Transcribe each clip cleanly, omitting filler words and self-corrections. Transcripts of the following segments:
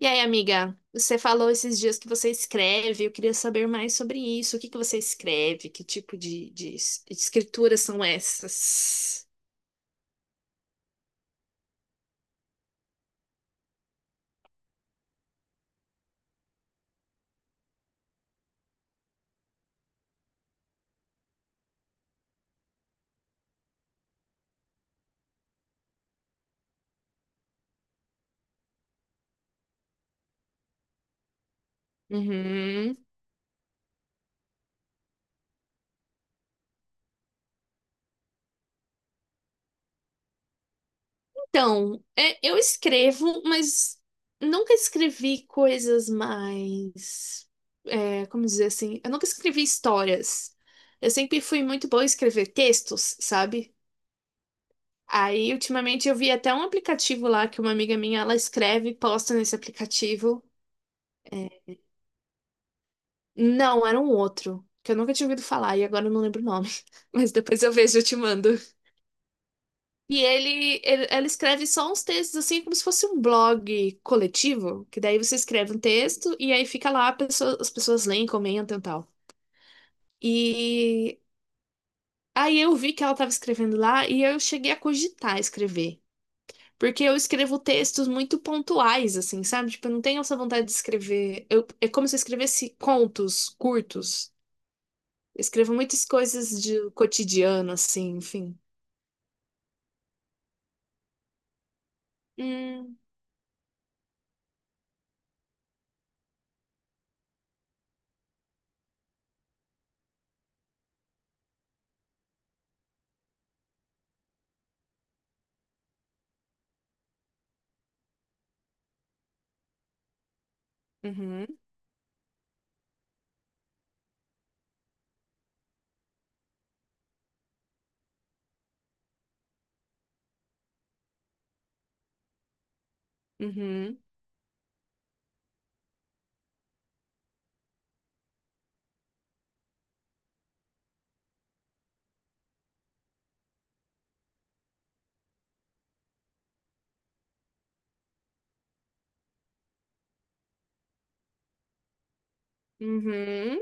E aí, amiga, você falou esses dias que você escreve, eu queria saber mais sobre isso. O que que você escreve? Que tipo de escrituras são essas? Uhum. Então, eu escrevo, mas nunca escrevi coisas mais. Como dizer assim? Eu nunca escrevi histórias. Eu sempre fui muito boa em escrever textos, sabe? Aí, ultimamente, eu vi até um aplicativo lá que uma amiga minha ela escreve e posta nesse aplicativo. Não, era um outro, que eu nunca tinha ouvido falar e agora eu não lembro o nome. Mas depois eu vejo e eu te mando. E ela escreve só uns textos, assim, como se fosse um blog coletivo, que daí você escreve um texto e aí fica lá, as pessoas leem, comentam e tal. E aí eu vi que ela estava escrevendo lá e eu cheguei a cogitar escrever. Porque eu escrevo textos muito pontuais, assim, sabe? Tipo, eu não tenho essa vontade de escrever. É como se eu escrevesse contos curtos. Eu escrevo muitas coisas de cotidiano, assim, enfim. Hum, uhum, uhum, uhum,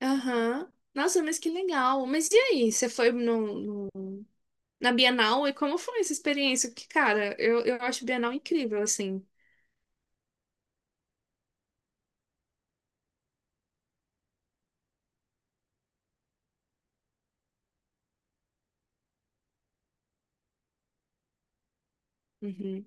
aham. Nossa, mas que legal. Mas e aí, você foi na Bienal e como foi essa experiência? Porque, cara, eu acho Bienal incrível, assim. Uhum.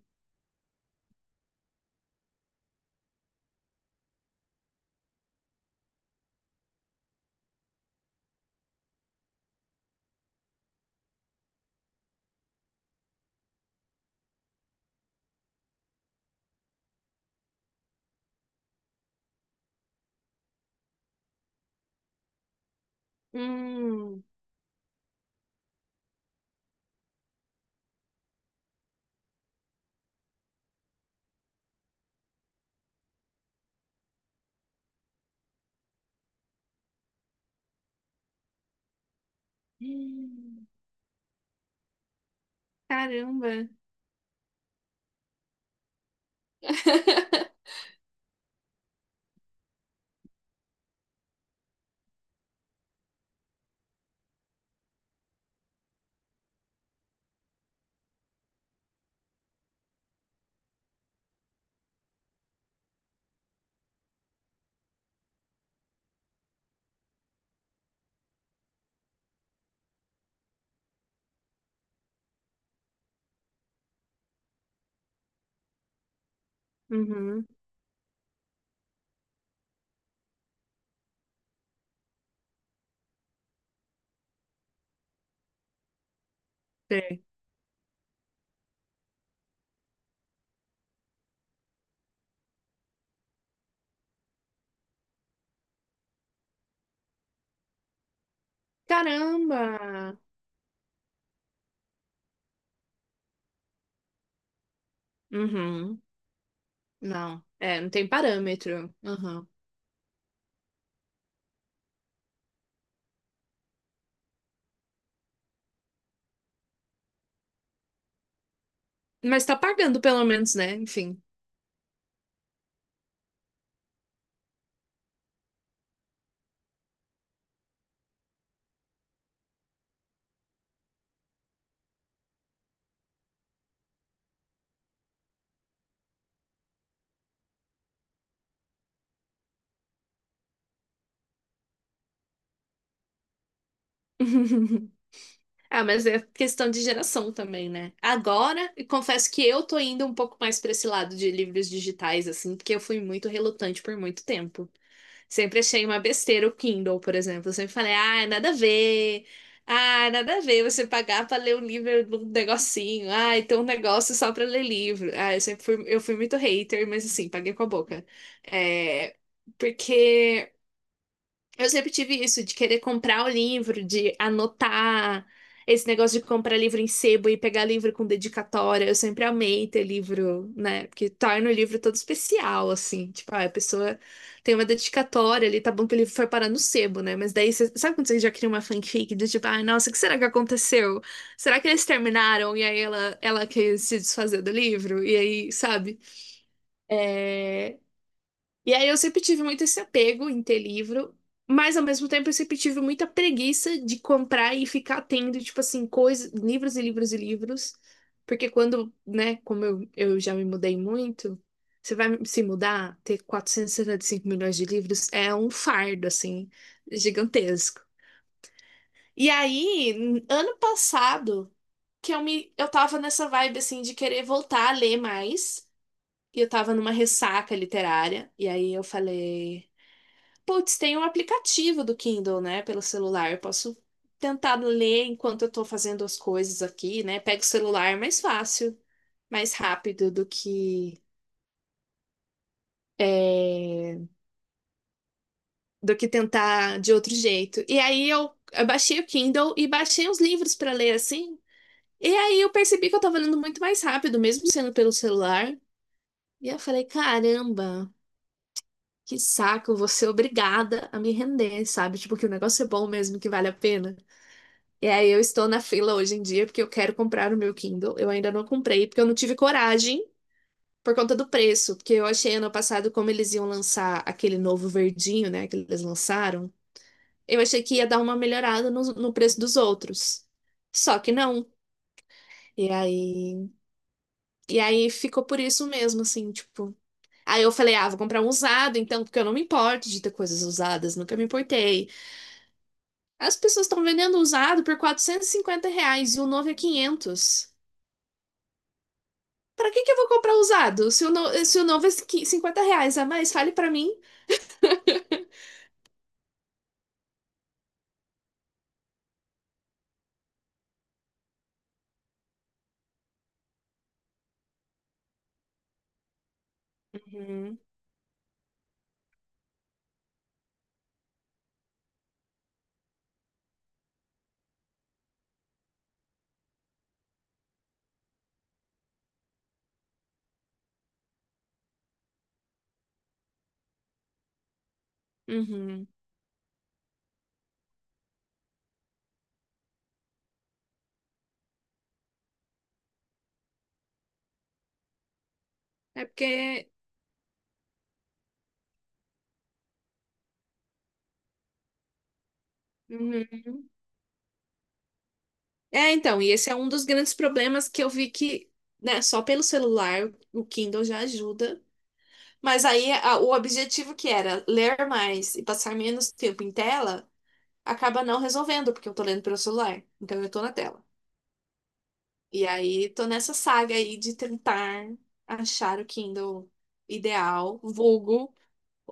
Hum. Hum. Caramba. Uhum. Sei. Caramba! Uhum. Não. É, não tem parâmetro. Uhum. Mas tá pagando pelo menos, né? Enfim. Ah, mas é questão de geração também, né? Agora, eu confesso que eu tô indo um pouco mais pra esse lado de livros digitais, assim, porque eu fui muito relutante por muito tempo. Sempre achei uma besteira o Kindle, por exemplo. Eu sempre falei, ah, nada a ver. Ah, nada a ver você pagar pra ler um livro num negocinho. Ah, então um negócio só pra ler livro. Ah, eu sempre fui, eu fui muito hater, mas assim, paguei com a boca. É, porque eu sempre tive isso de querer comprar o livro, de anotar esse negócio de comprar livro em sebo e pegar livro com dedicatória. Eu sempre amei ter livro, né? Porque torna o livro todo especial, assim. Tipo, ah, a pessoa tem uma dedicatória ali, tá bom que o livro foi parar no sebo, né? Mas daí, você sabe quando você já cria uma fanfic do tipo, ai, nossa, o que será que aconteceu? Será que eles terminaram e aí ela quis se desfazer do livro? E aí, sabe? E aí eu sempre tive muito esse apego em ter livro, mas ao mesmo tempo eu sempre tive muita preguiça de comprar e ficar tendo, tipo assim, coisas, livros e livros e livros. Porque quando, né, como eu já me mudei muito, você vai se mudar, ter 475 milhões de livros é um fardo, assim, gigantesco. E aí, ano passado, que eu tava nessa vibe, assim, de querer voltar a ler mais, e eu tava numa ressaca literária, e aí eu falei. Putz, tem um aplicativo do Kindle, né, pelo celular. Eu posso tentar ler enquanto eu tô fazendo as coisas aqui, né? Pego o celular, é mais fácil, mais rápido é, do que tentar de outro jeito. E aí eu baixei o Kindle e baixei uns livros pra ler assim. E aí eu percebi que eu tava lendo muito mais rápido, mesmo sendo pelo celular. E eu falei, caramba, que saco, vou ser obrigada a me render, sabe? Tipo, que o negócio é bom mesmo, que vale a pena. E aí eu estou na fila hoje em dia porque eu quero comprar o meu Kindle. Eu ainda não comprei porque eu não tive coragem por conta do preço, porque eu achei ano passado como eles iam lançar aquele novo verdinho, né, que eles lançaram. Eu achei que ia dar uma melhorada no preço dos outros. Só que não. E aí, e aí, ficou por isso mesmo, assim, tipo. Aí eu falei, ah, vou comprar um usado, então, porque eu não me importo de ter coisas usadas, nunca me importei. As pessoas estão vendendo usado por R$ 450 e o novo é 500. Pra que que eu vou comprar usado? Se o novo é R$ 50 a mais, fale pra mim. Uhum, uhum. É porque. Uhum. É, então, e esse é um dos grandes problemas que eu vi que, né, só pelo celular o Kindle já ajuda. Mas aí o objetivo que era ler mais e passar menos tempo em tela acaba não resolvendo, porque eu tô lendo pelo celular. Então eu tô na tela. E aí tô nessa saga aí de tentar achar o Kindle ideal, vulgo,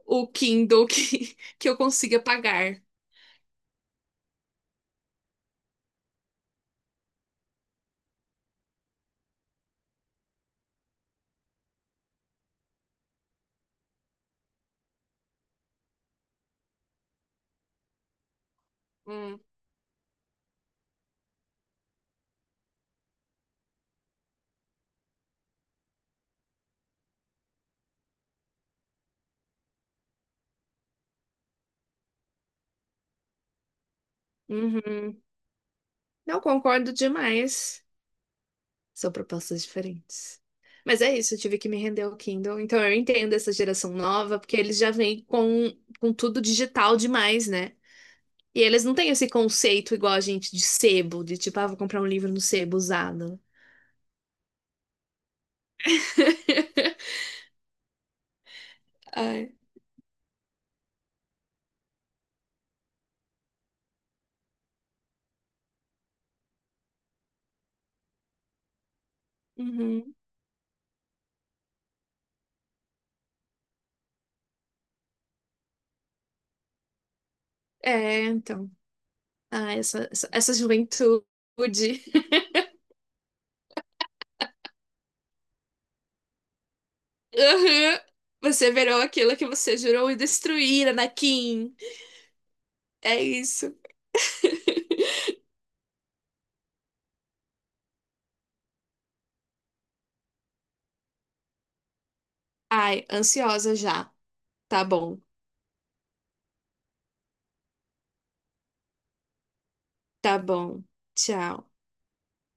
o Kindle que, que eu consiga pagar. Hum. Uhum. Não concordo demais. São propostas diferentes. Mas é isso, eu tive que me render ao Kindle. Então eu entendo essa geração nova, porque eles já vêm com, tudo digital demais, né? E eles não têm esse conceito igual a gente de sebo, de tipo, ah, vou comprar um livro no sebo usado. Ai. Uhum. É, então. Ah, essa juventude. Aham. Você virou aquilo que você jurou e destruir, Anakin. É isso. Ai, ansiosa já. Tá bom, tá bom. Tchau.